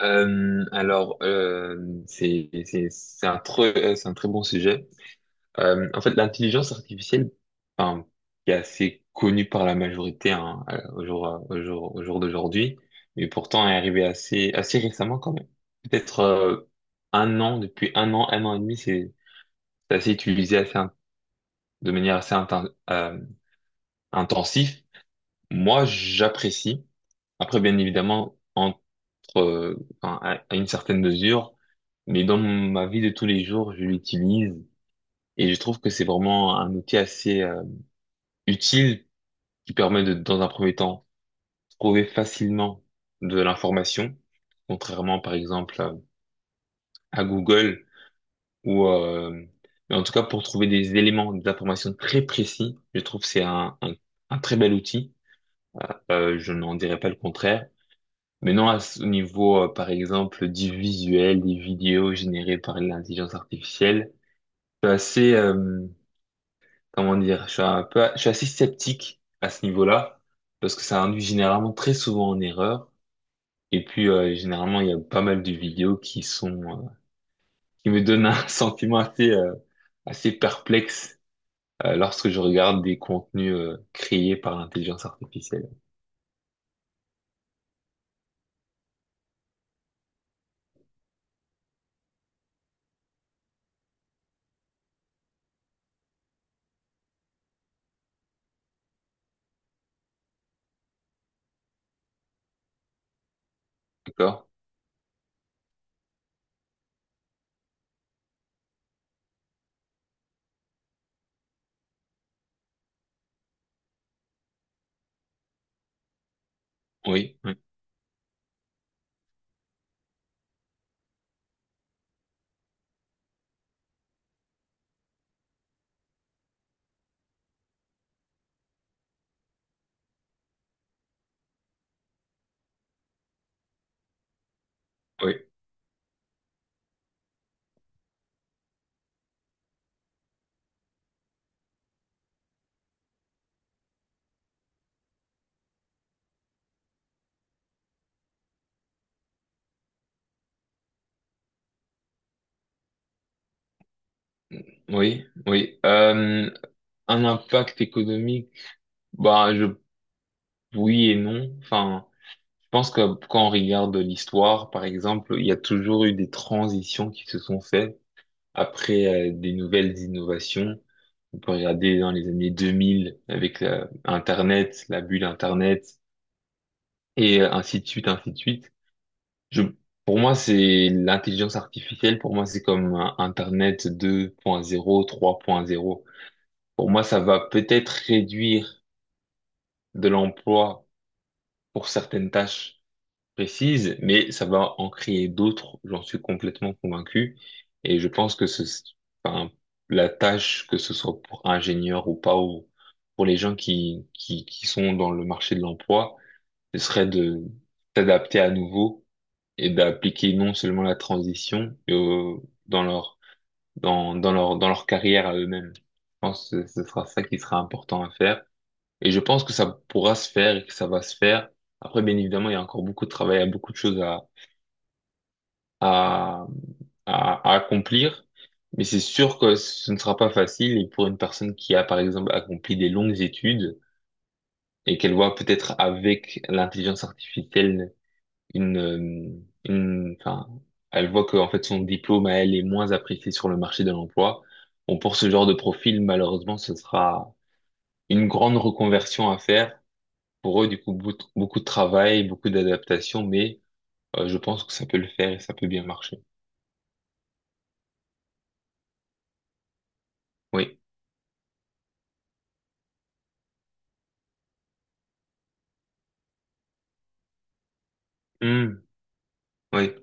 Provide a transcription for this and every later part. C'est un, c'est un très bon sujet. En fait, l'intelligence artificielle, enfin, qui est assez connue par la majorité hein, au jour d'aujourd'hui, mais pourtant est arrivée assez récemment quand même. Peut-être depuis un an et demi, c'est assez utilisé assez, in- de manière assez inten- intensive. Moi, j'apprécie. Après, bien évidemment, à une certaine mesure, mais dans ma vie de tous les jours, je l'utilise et je trouve que c'est vraiment un outil assez utile qui permet de, dans un premier temps, trouver facilement de l'information, contrairement, par exemple, à Google ou, euh, mais en tout cas, pour trouver des éléments d'information très précis, je trouve que c'est un très bel outil. Je n'en dirais pas le contraire. Mais non, à ce niveau, par exemple, du visuel, des vidéos générées par l'intelligence artificielle, je suis comment dire, je suis un peu, je suis assez sceptique à ce niveau-là, parce que ça induit généralement très souvent en erreur. Et puis, généralement, il y a pas mal de vidéos qui me donnent un sentiment assez perplexe, lorsque je regarde des contenus, créés par l'intelligence artificielle. D'accord? Oui, oui, oui. Oui, oui. Un impact économique, bah je oui et non. Enfin, je pense que quand on regarde l'histoire, par exemple, il y a toujours eu des transitions qui se sont faites après des nouvelles innovations. On peut regarder dans les années 2000 avec Internet, la bulle Internet et ainsi de suite, ainsi de suite. Je, pour moi, c'est l'intelligence artificielle. Pour moi, c'est comme Internet 2.0, 3.0. Pour moi, ça va peut-être réduire de l'emploi pour certaines tâches précises, mais ça va en créer d'autres, j'en suis complètement convaincu. Et je pense que enfin, la tâche, que ce soit pour ingénieur ou pas, ou pour les gens qui sont dans le marché de l'emploi, ce serait de s'adapter à nouveau et d'appliquer non seulement la transition, mais dans leur carrière à eux-mêmes. Je pense que ce sera ça qui sera important à faire. Et je pense que ça pourra se faire et que ça va se faire. Après, bien évidemment, il y a encore beaucoup de travail, il y a beaucoup de choses à, à accomplir. Mais c'est sûr que ce ne sera pas facile. Et pour une personne qui a, par exemple, accompli des longues études et qu'elle voit peut-être avec l'intelligence artificielle une, euh, une, enfin, elle voit que, en fait, son diplôme à elle est moins apprécié sur le marché de l'emploi. Bon, pour ce genre de profil, malheureusement, ce sera une grande reconversion à faire. Pour eux, du coup, beaucoup beaucoup de travail, beaucoup d'adaptation, mais je pense que ça peut le faire et ça peut bien marcher. Oui. Hmm. Oui.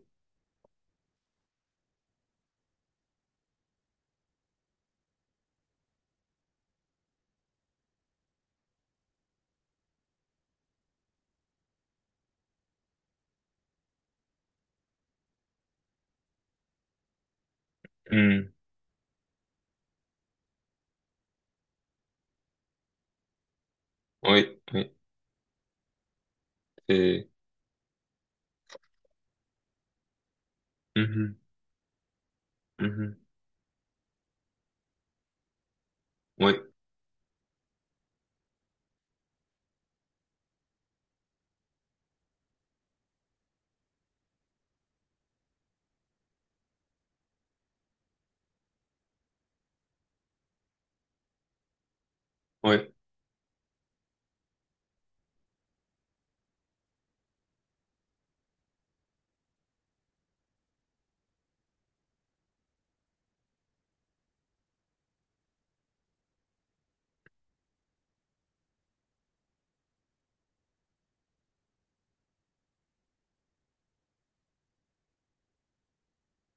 Hmm. Oui. Oui. C'est- Mhm. Mhm. Oui. Oui.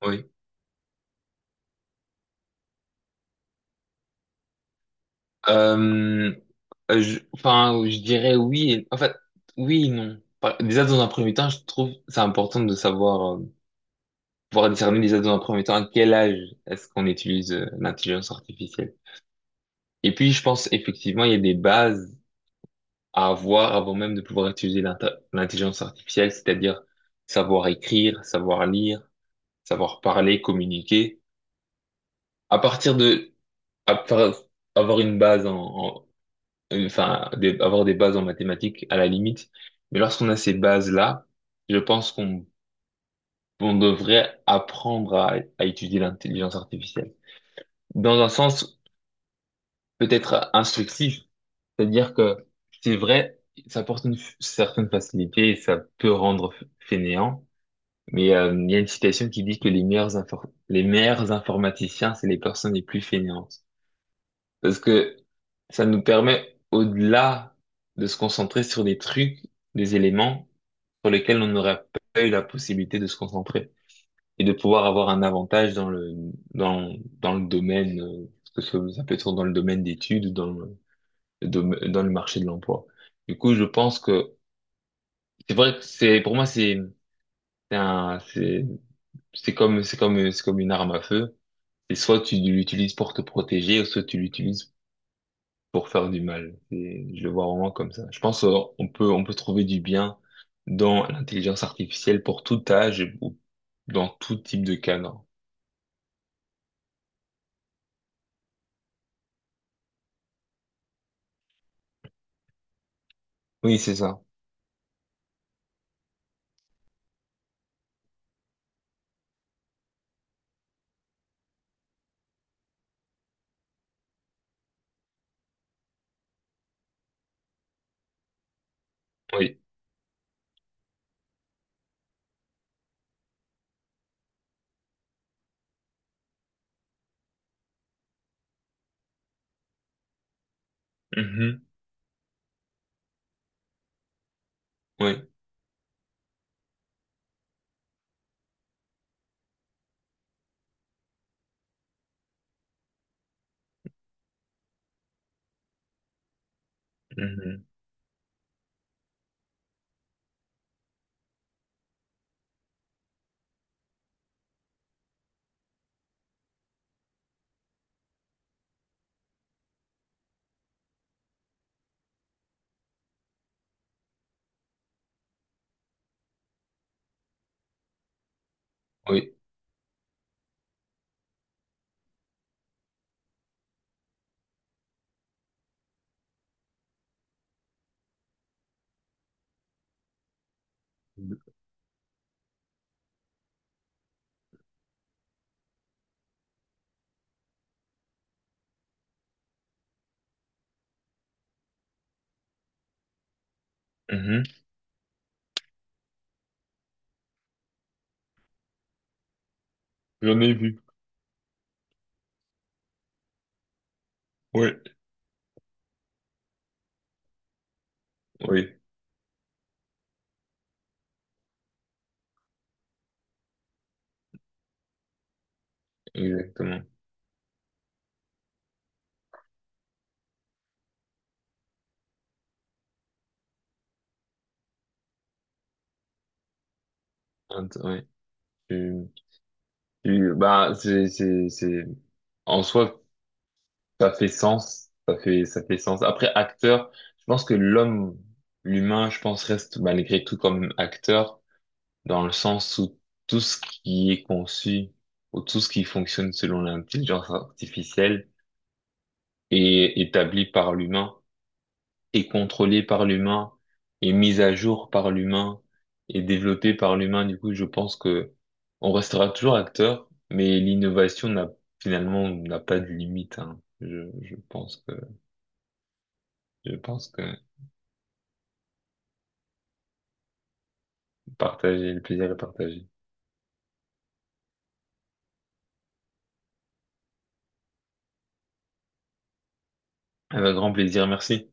Oui. Euh, je dirais oui. En fait, oui et non. Déjà, dans un premier temps, je trouve c'est important de savoir, pouvoir discerner déjà dans un premier temps à quel âge est-ce qu'on utilise l'intelligence artificielle. Et puis, je pense effectivement, il y a des bases à avoir avant même de pouvoir utiliser l'intelligence artificielle, c'est-à-dire savoir écrire, savoir lire, savoir parler, communiquer. À partir de à par- avoir une base en avoir des bases en mathématiques à la limite, mais lorsqu'on a ces bases-là, je pense qu'on on devrait apprendre à étudier l'intelligence artificielle. Dans un sens peut-être instructif, c'est-à-dire que c'est vrai, ça apporte une certaine facilité et ça peut rendre fainéant. Mais il y a une citation qui dit que les meilleurs informaticiens, c'est les personnes les plus fainéantes. Parce que ça nous permet, au-delà de se concentrer sur des trucs, des éléments sur lesquels on n'aurait pas eu la possibilité de se concentrer et de pouvoir avoir un avantage dans, dans le domaine, que ça peut être dans le domaine d'études ou dans le marché de l'emploi. Du coup, je pense que c'est vrai que pour moi, c'est un, c'est comme, c'est comme, c'est comme une arme à feu. C'est soit tu l'utilises pour te protéger, soit tu l'utilises pour faire du mal. Et je le vois vraiment comme ça. Je pense on peut trouver du bien dans l'intelligence artificielle pour tout âge ou dans tout type de cadre. Oui, c'est ça. Oui. Mhm. Oui. Mhm. Oui. Mhm. J'en ai vu. Oui. Oui. Exactement. Oui. Tu- c'est, en soi, ça fait sens, ça fait sens. Après, acteur, je pense que l'homme, l'humain, je pense, reste malgré tout comme acteur, dans le sens où tout ce qui est conçu, ou tout ce qui fonctionne selon l'intelligence artificielle, est établi par l'humain, est contrôlé par l'humain, est mis à jour par l'humain, est développé par l'humain. Du coup, je pense que on restera toujours acteur, mais l'innovation, n'a pas de limite, hein. Je pense que Partager, le plaisir est partagé. Avec grand plaisir, merci.